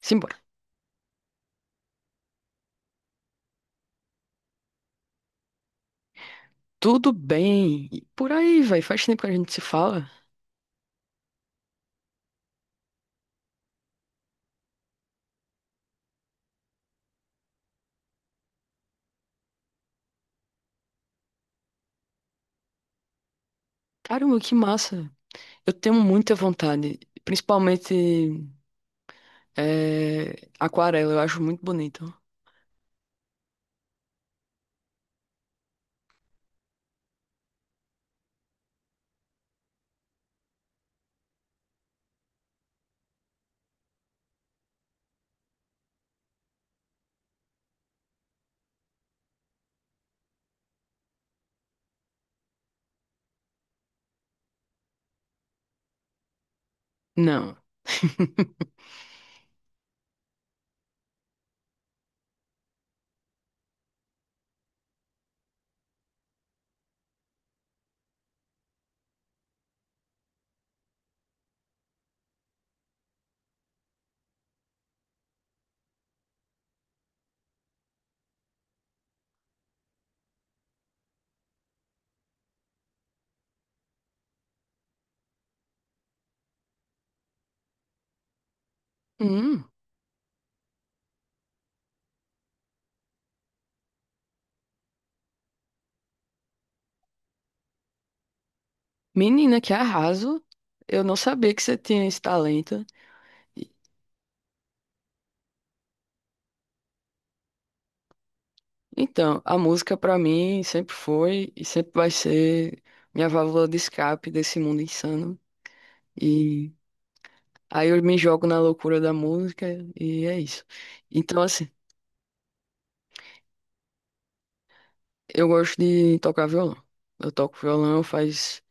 Simbora. Tudo bem? E por aí, vai. Faz tempo que a gente se fala. Caramba, que massa. Eu tenho muita vontade. Principalmente aquarela, eu acho muito bonito. Não. Hum, menina, que arraso. Eu não sabia que você tinha esse talento. E- Então, a música pra mim sempre foi e sempre vai ser minha válvula de escape desse mundo insano. E aí eu me jogo na loucura da música e é isso. Então, assim. Eu gosto de tocar violão. Eu toco violão faz,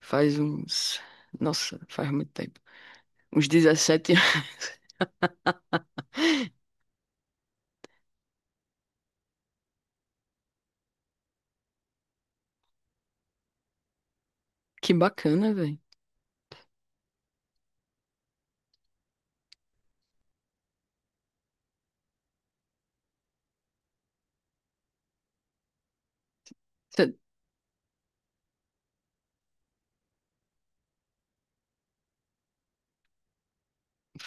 faz uns. Nossa, faz muito tempo. Uns 17 anos. Que bacana, velho.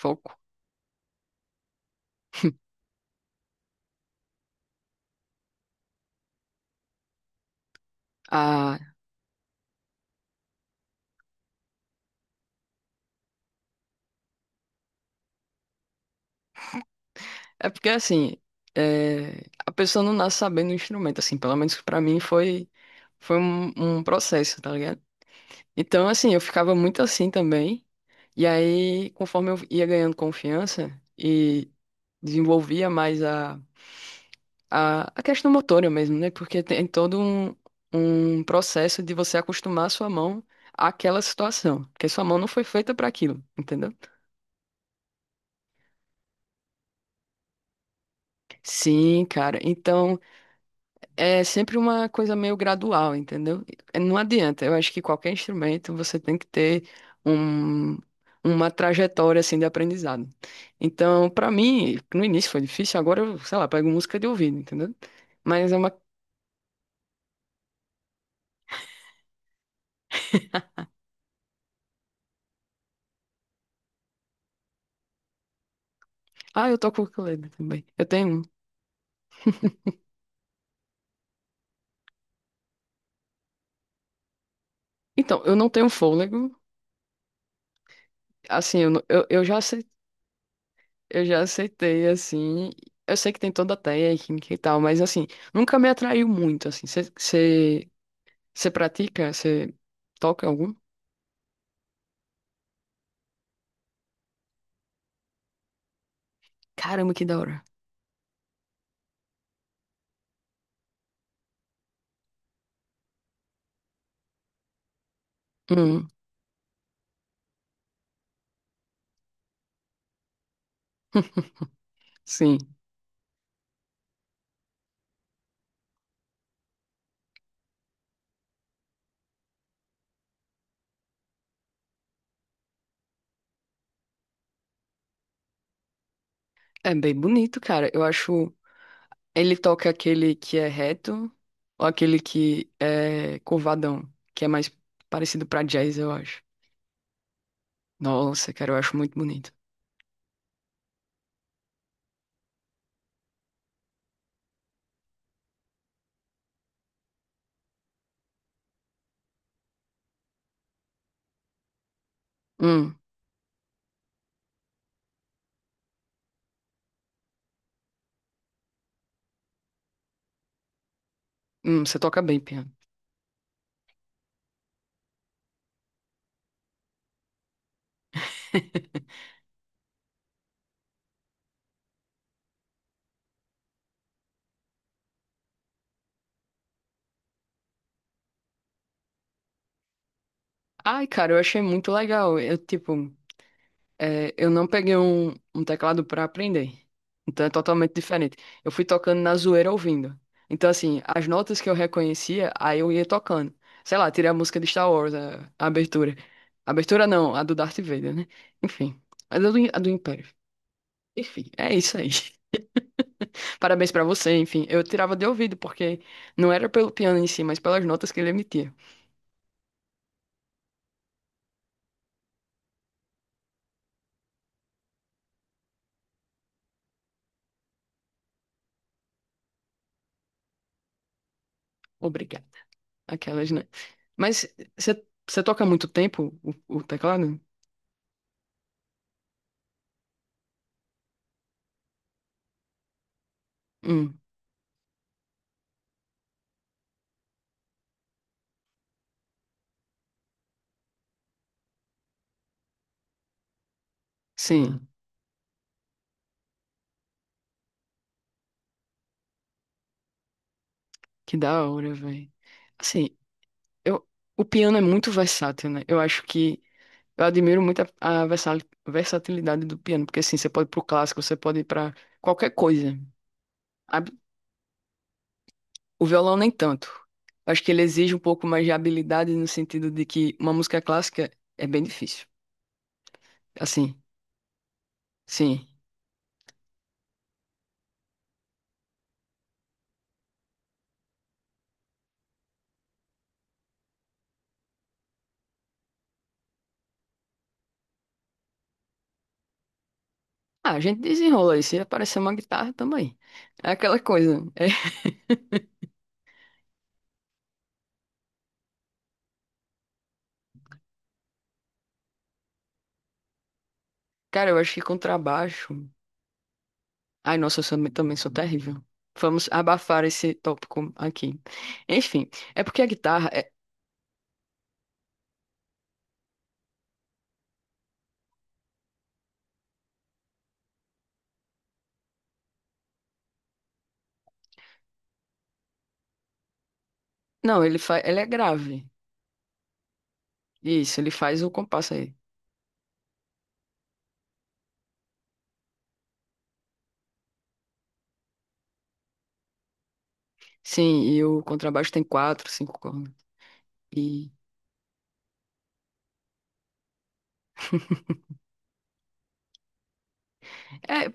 Foco. Ah, é porque assim, é, a pessoa não nasce sabendo o instrumento, assim, pelo menos pra mim foi um, um processo, tá ligado? Então, assim, eu ficava muito assim também. E aí, conforme eu ia ganhando confiança e desenvolvia mais a questão motora mesmo, né? Porque tem todo um, um processo de você acostumar a sua mão àquela situação, porque sua mão não foi feita para aquilo, entendeu? Sim, cara. Então é sempre uma coisa meio gradual, entendeu? É, não adianta. Eu acho que qualquer instrumento você tem que ter um, uma trajetória assim de aprendizado. Então, para mim, no início foi difícil, agora eu, sei lá, pego música de ouvido, entendeu? Mas é uma. Ah, eu toco ukulele também. Eu tenho um. Então, eu não tenho fôlego. Assim, eu, não- eu já aceitei, assim. Eu sei que tem toda a técnica e tal, mas assim, nunca me atraiu muito, assim. Você pratica? Você toca algum? Caramba, que da hora. Hum, sim. É bem bonito, cara. Eu acho. Ele toca aquele que é reto ou aquele que é curvadão, que é mais parecido pra jazz, eu acho. Nossa, cara, eu acho muito bonito. Hum, você toca bem piano. Ai, cara, eu achei muito legal. Eu, tipo. É, eu não peguei um, um teclado para aprender. Então é totalmente diferente. Eu fui tocando na zoeira ouvindo. Então, assim, as notas que eu reconhecia, aí eu ia tocando. Sei lá, tirei a música de Star Wars, a abertura. Abertura não, a do Darth Vader, né? Enfim, a do, a do Império. Enfim, é isso aí. Parabéns pra você, enfim. Eu tirava de ouvido, porque não era pelo piano em si, mas pelas notas que ele emitia. Obrigada. Aquelas, né? Mas você toca há muito tempo o teclado? Hum, sim. Que da hora, velho. Assim, eu, o piano é muito versátil, né? Eu acho que eu admiro muito a versatilidade do piano, porque assim, você pode ir pro clássico, você pode ir pra qualquer coisa. A- O violão nem tanto. Eu acho que ele exige um pouco mais de habilidade no sentido de que uma música clássica é bem difícil. Assim, sim. Ah, a gente desenrola aí. Se aparecer uma guitarra, tamo aí. É aquela coisa. Cara, eu acho que contrabaixo. Ai, nossa, também sou terrível. Vamos abafar esse tópico aqui. Enfim, é porque a guitarra é... Não, ela é grave. Isso, ele faz o compasso aí. Sim, e o contrabaixo tem quatro, cinco cordas. E... É,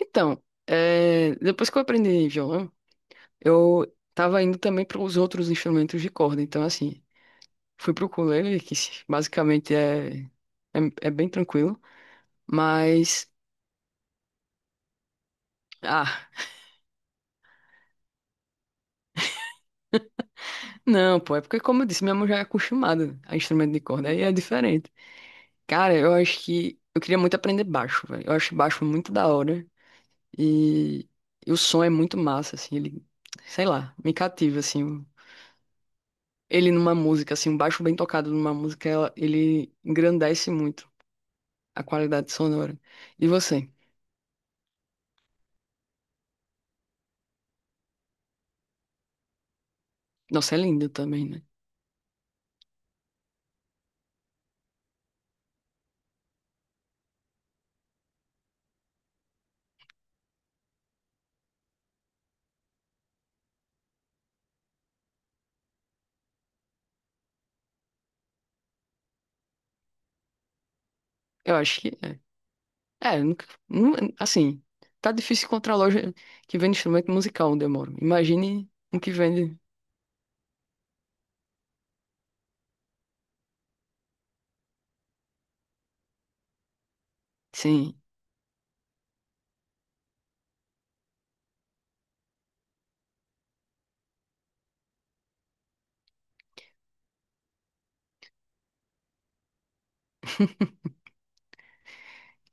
então, é, depois que eu aprendi violão, eu tava indo também para os outros instrumentos de corda. Então, assim, fui pro ukulele, que basicamente é bem tranquilo. Mas... Ah, não, pô, é porque, como eu disse, minha mão já é acostumada a instrumento de corda, aí é diferente. Cara, eu acho que eu queria muito aprender baixo, velho. Eu acho baixo muito da hora e, e o som é muito massa, assim, ele, sei lá, me cativa, assim. Ele numa música, assim, um baixo bem tocado numa música, ele engrandece muito a qualidade sonora. E você? Nossa, é lindo também, né? Eu acho que é. É, assim, tá difícil encontrar loja que vende instrumento musical onde eu moro. Imagine um que vende. Sim.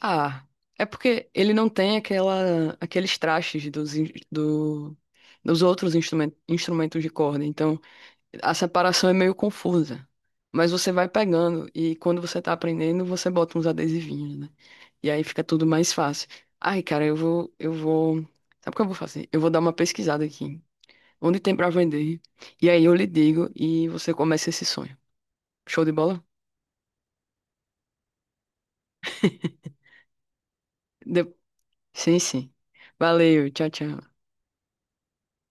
Ah, é porque ele não tem aquela, aqueles trastes dos dos outros instrumentos de corda. Então, a separação é meio confusa. Mas você vai pegando e quando você tá aprendendo, você bota uns adesivinhos, né? E aí fica tudo mais fácil. Ai, cara, eu vou. Sabe o que eu vou fazer? Eu vou dar uma pesquisada aqui. Onde tem pra vender? E aí eu lhe digo e você começa esse sonho. Show de bola? De- Sim, sim. Valeu, tchau, tchau.